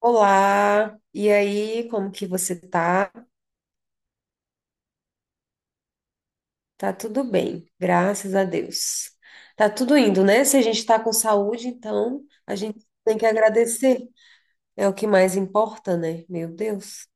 Olá, e aí, como que você tá? Tá tudo bem, graças a Deus. Tá tudo indo, né? Se a gente tá com saúde, então a gente tem que agradecer. É o que mais importa, né? Meu Deus.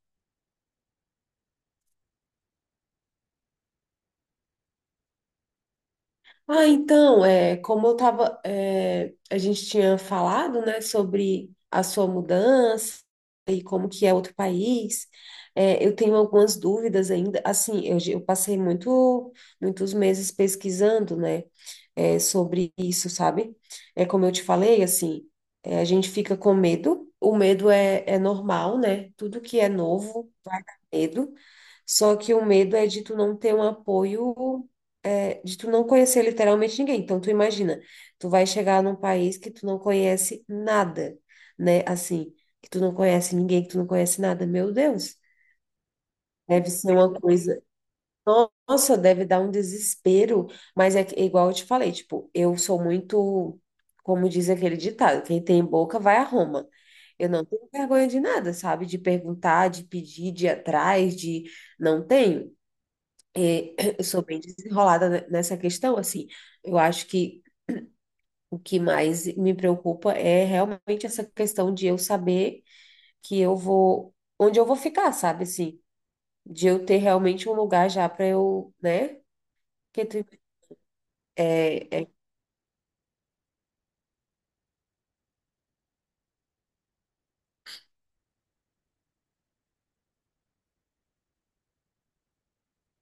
Ah, então, como eu tava, a gente tinha falado, né, sobre a sua mudança e como que é outro país. É, eu tenho algumas dúvidas ainda. Assim, eu passei muito, muitos meses pesquisando, né? Sobre isso, sabe? É como eu te falei, assim, a gente fica com medo, o medo é normal, né? Tudo que é novo vai dar medo, só que o medo é de tu não ter um apoio, de tu não conhecer literalmente ninguém. Então, tu imagina, tu vai chegar num país que tu não conhece nada, né? Assim, que tu não conhece ninguém, que tu não conhece nada, meu Deus. Deve ser uma coisa, nossa, deve dar um desespero, mas é igual eu te falei, tipo, eu sou muito, como diz aquele ditado, quem tem boca vai a Roma. Eu não tenho vergonha de nada, sabe? De perguntar, de pedir, de ir atrás, de não tenho. É, eu sou bem desenrolada nessa questão, assim. Eu acho que o que mais me preocupa é realmente essa questão de eu saber que eu vou, onde eu vou ficar, sabe? Assim, de eu ter realmente um lugar já para eu, né? É, é...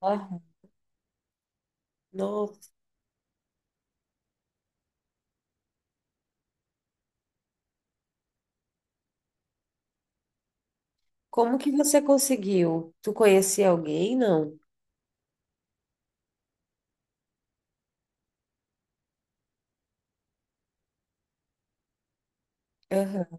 Ah, nossa. Como que você conseguiu? Tu conhecia alguém? Não. Aham.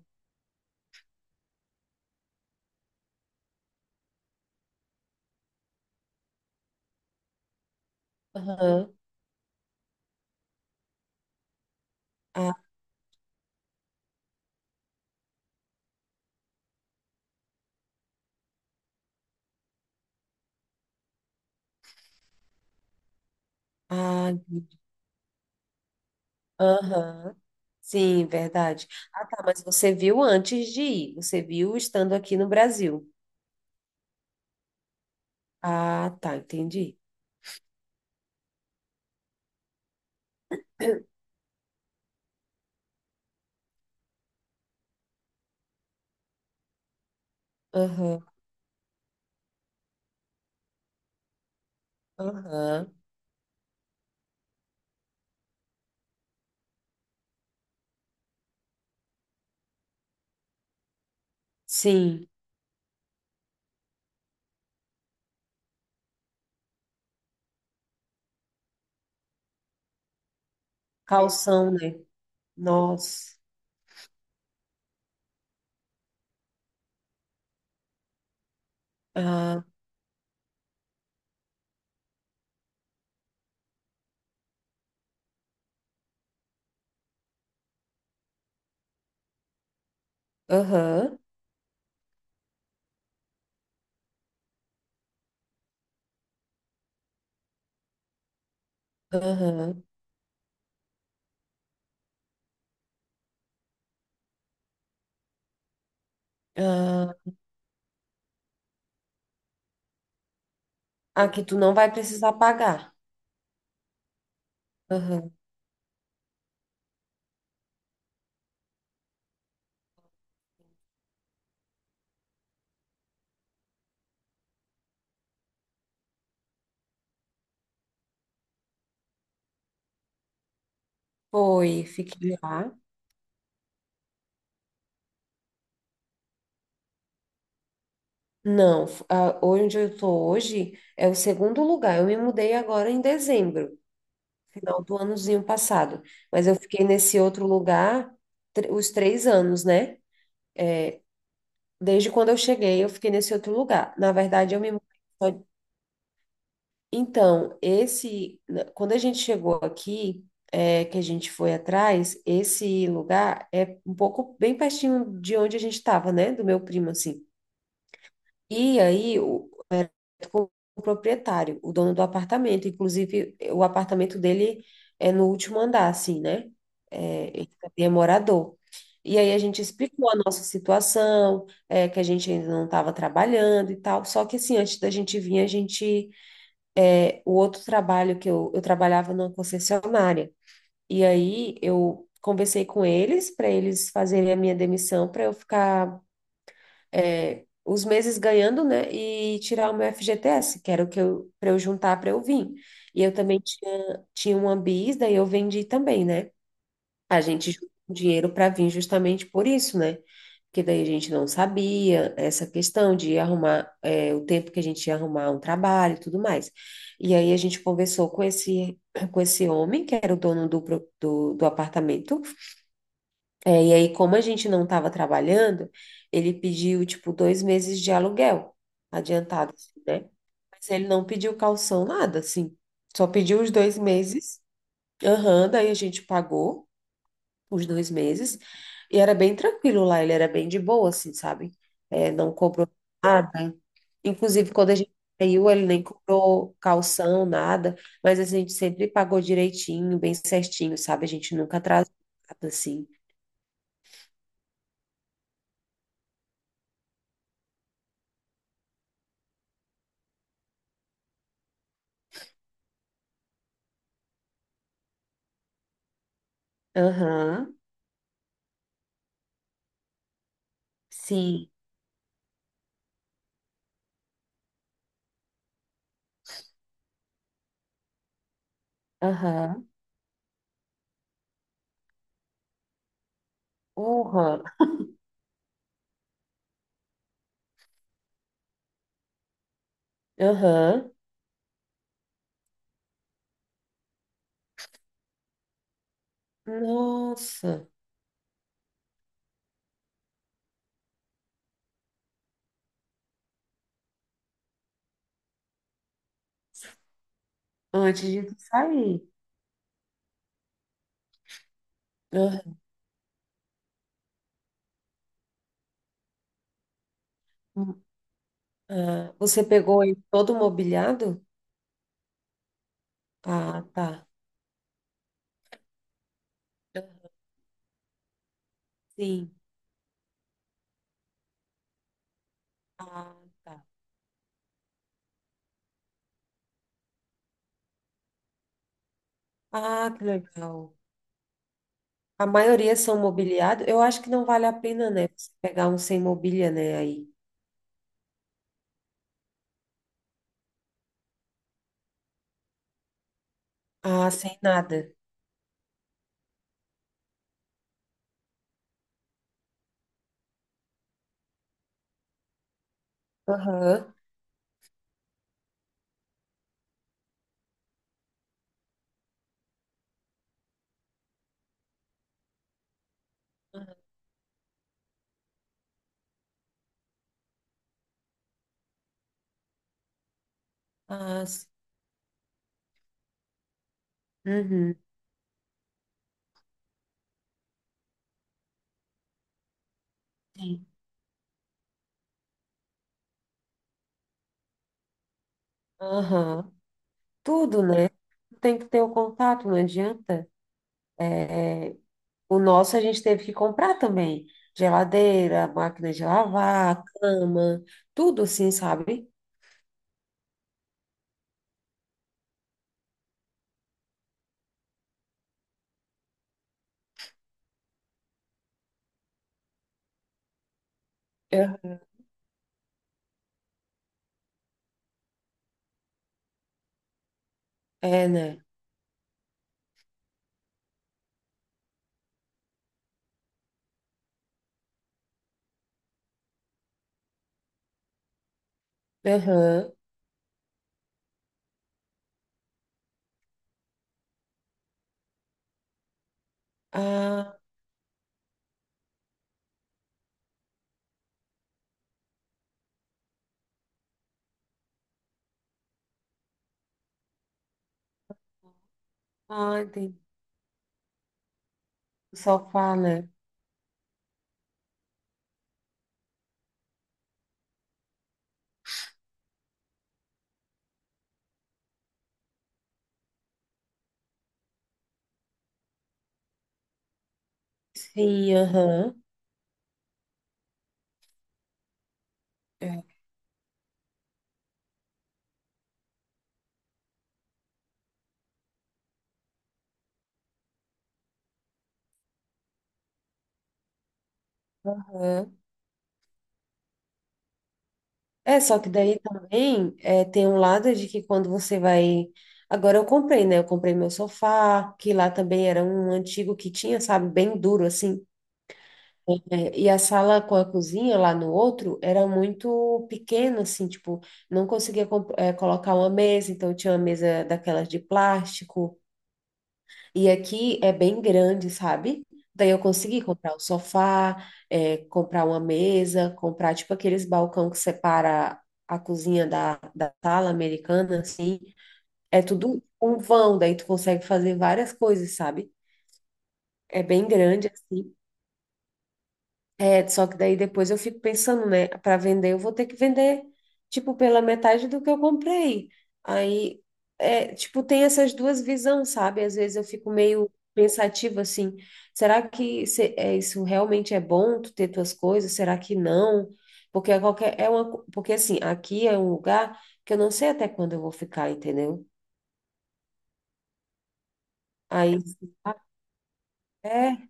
Aham. Ah, ah, aham. Sim, verdade. Ah, tá, mas você viu antes de ir. Você viu estando aqui no Brasil. Ah, tá, entendi. Aham. Aham. Sim. Calção, né? Nossa. Ah, aham. Aham. Ah, ah, que tu não vai precisar pagar. Aham. Foi, fique lá. Não, onde eu estou hoje é o segundo lugar. Eu me mudei agora em dezembro, final do anozinho passado. Mas eu fiquei nesse outro lugar os 3 anos, né? Desde quando eu cheguei, eu fiquei nesse outro lugar. Na verdade, eu me mudei. só- Então, quando a gente chegou aqui, que a gente foi atrás, esse lugar é um pouco bem pertinho de onde a gente estava, né? Do meu primo, assim. E aí, com o proprietário, o dono do apartamento. Inclusive, o apartamento dele é no último andar, assim, né? É, ele também é morador. E aí a gente explicou a nossa situação, que a gente ainda não estava trabalhando e tal. Só que assim, antes da gente vir, a gente. É, o outro trabalho que eu trabalhava numa concessionária. E aí eu conversei com eles para eles fazerem a minha demissão para eu ficar, é, os meses ganhando, né? E tirar o meu FGTS, que era o que eu, para eu juntar para eu vir. E eu também tinha uma bis, daí eu vendi também, né? A gente juntou um dinheiro para vir justamente por isso, né? Porque daí a gente não sabia essa questão de arrumar, é, o tempo que a gente ia arrumar um trabalho e tudo mais. E aí a gente conversou com com esse homem, que era o dono do, do apartamento, é, e aí, como a gente não estava trabalhando, ele pediu, tipo, 2 meses de aluguel adiantado, assim, né? Mas ele não pediu calção, nada, assim. Só pediu os 2 meses. Aham, daí a gente pagou os 2 meses. E era bem tranquilo lá, ele era bem de boa, assim, sabe? É, não cobrou nada. Inclusive, quando a gente saiu, ele nem cobrou calção, nada. Mas a gente sempre pagou direitinho, bem certinho, sabe? A gente nunca atrasou, nada, assim. Aham, sim. Aham. Porra. Aham. Nossa. Antes de sair. Aham. Ah, você pegou ele todo mobiliado? Ah, tá. Sim. Ah, tá. Ah, que legal. A maioria são mobiliados. Eu acho que não vale a pena, né? Você pegar um sem mobília, né? Aí. Ah, sem nada. Aham. Ah, sim. Uhum. Sim. Aham. Tudo, né? Tem que ter o contato, não adianta. é é, O nosso a gente teve que comprar também. Geladeira, máquina de lavar, cama, tudo assim, sabe? Aham. É, né? Aham. Ah, ah, entendi. Sofá, né? Sim, aham. É. Aham. É, só que daí também é, tem um lado de que quando você vai. Agora eu comprei, né? Eu comprei meu sofá, que lá também era um antigo que tinha, sabe, bem duro assim. É, e a sala com a cozinha lá no outro era muito pequena, assim, tipo, não conseguia, colocar uma mesa, então tinha uma mesa daquelas de plástico. E aqui é bem grande, sabe? Daí eu consegui comprar um sofá, comprar uma mesa, comprar, tipo, aqueles balcão que separa a cozinha da sala americana, assim. É tudo um vão, daí tu consegue fazer várias coisas, sabe? É bem grande, assim. É, só que daí depois eu fico pensando, né? Para vender, eu vou ter que vender, tipo, pela metade do que eu comprei. Aí, é, tipo, tem essas duas visões, sabe? Às vezes eu fico meio pensativa assim: será que isso realmente é bom, tu ter tuas coisas? Será que não? Porque é qualquer, é porque assim, aqui é um lugar que eu não sei até quando eu vou ficar, entendeu? Aí, é,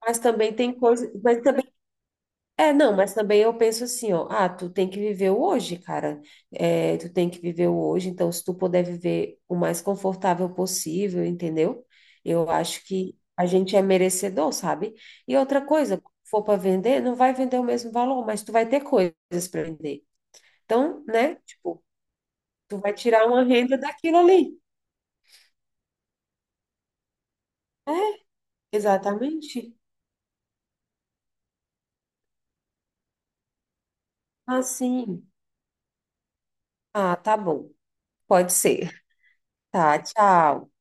mas também tem coisas, mas também é, não, mas também eu penso assim, ó, ah, tu tem que viver o hoje, cara. É, tu tem que viver o hoje, então se tu puder viver o mais confortável possível, entendeu? Eu acho que a gente é merecedor, sabe? E outra coisa, quando for para vender, não vai vender o mesmo valor, mas tu vai ter coisas para vender. Então, né? Tipo, tu vai tirar uma renda daquilo ali. É, exatamente. Assim. Ah, tá bom. Pode ser. Tá, tchau.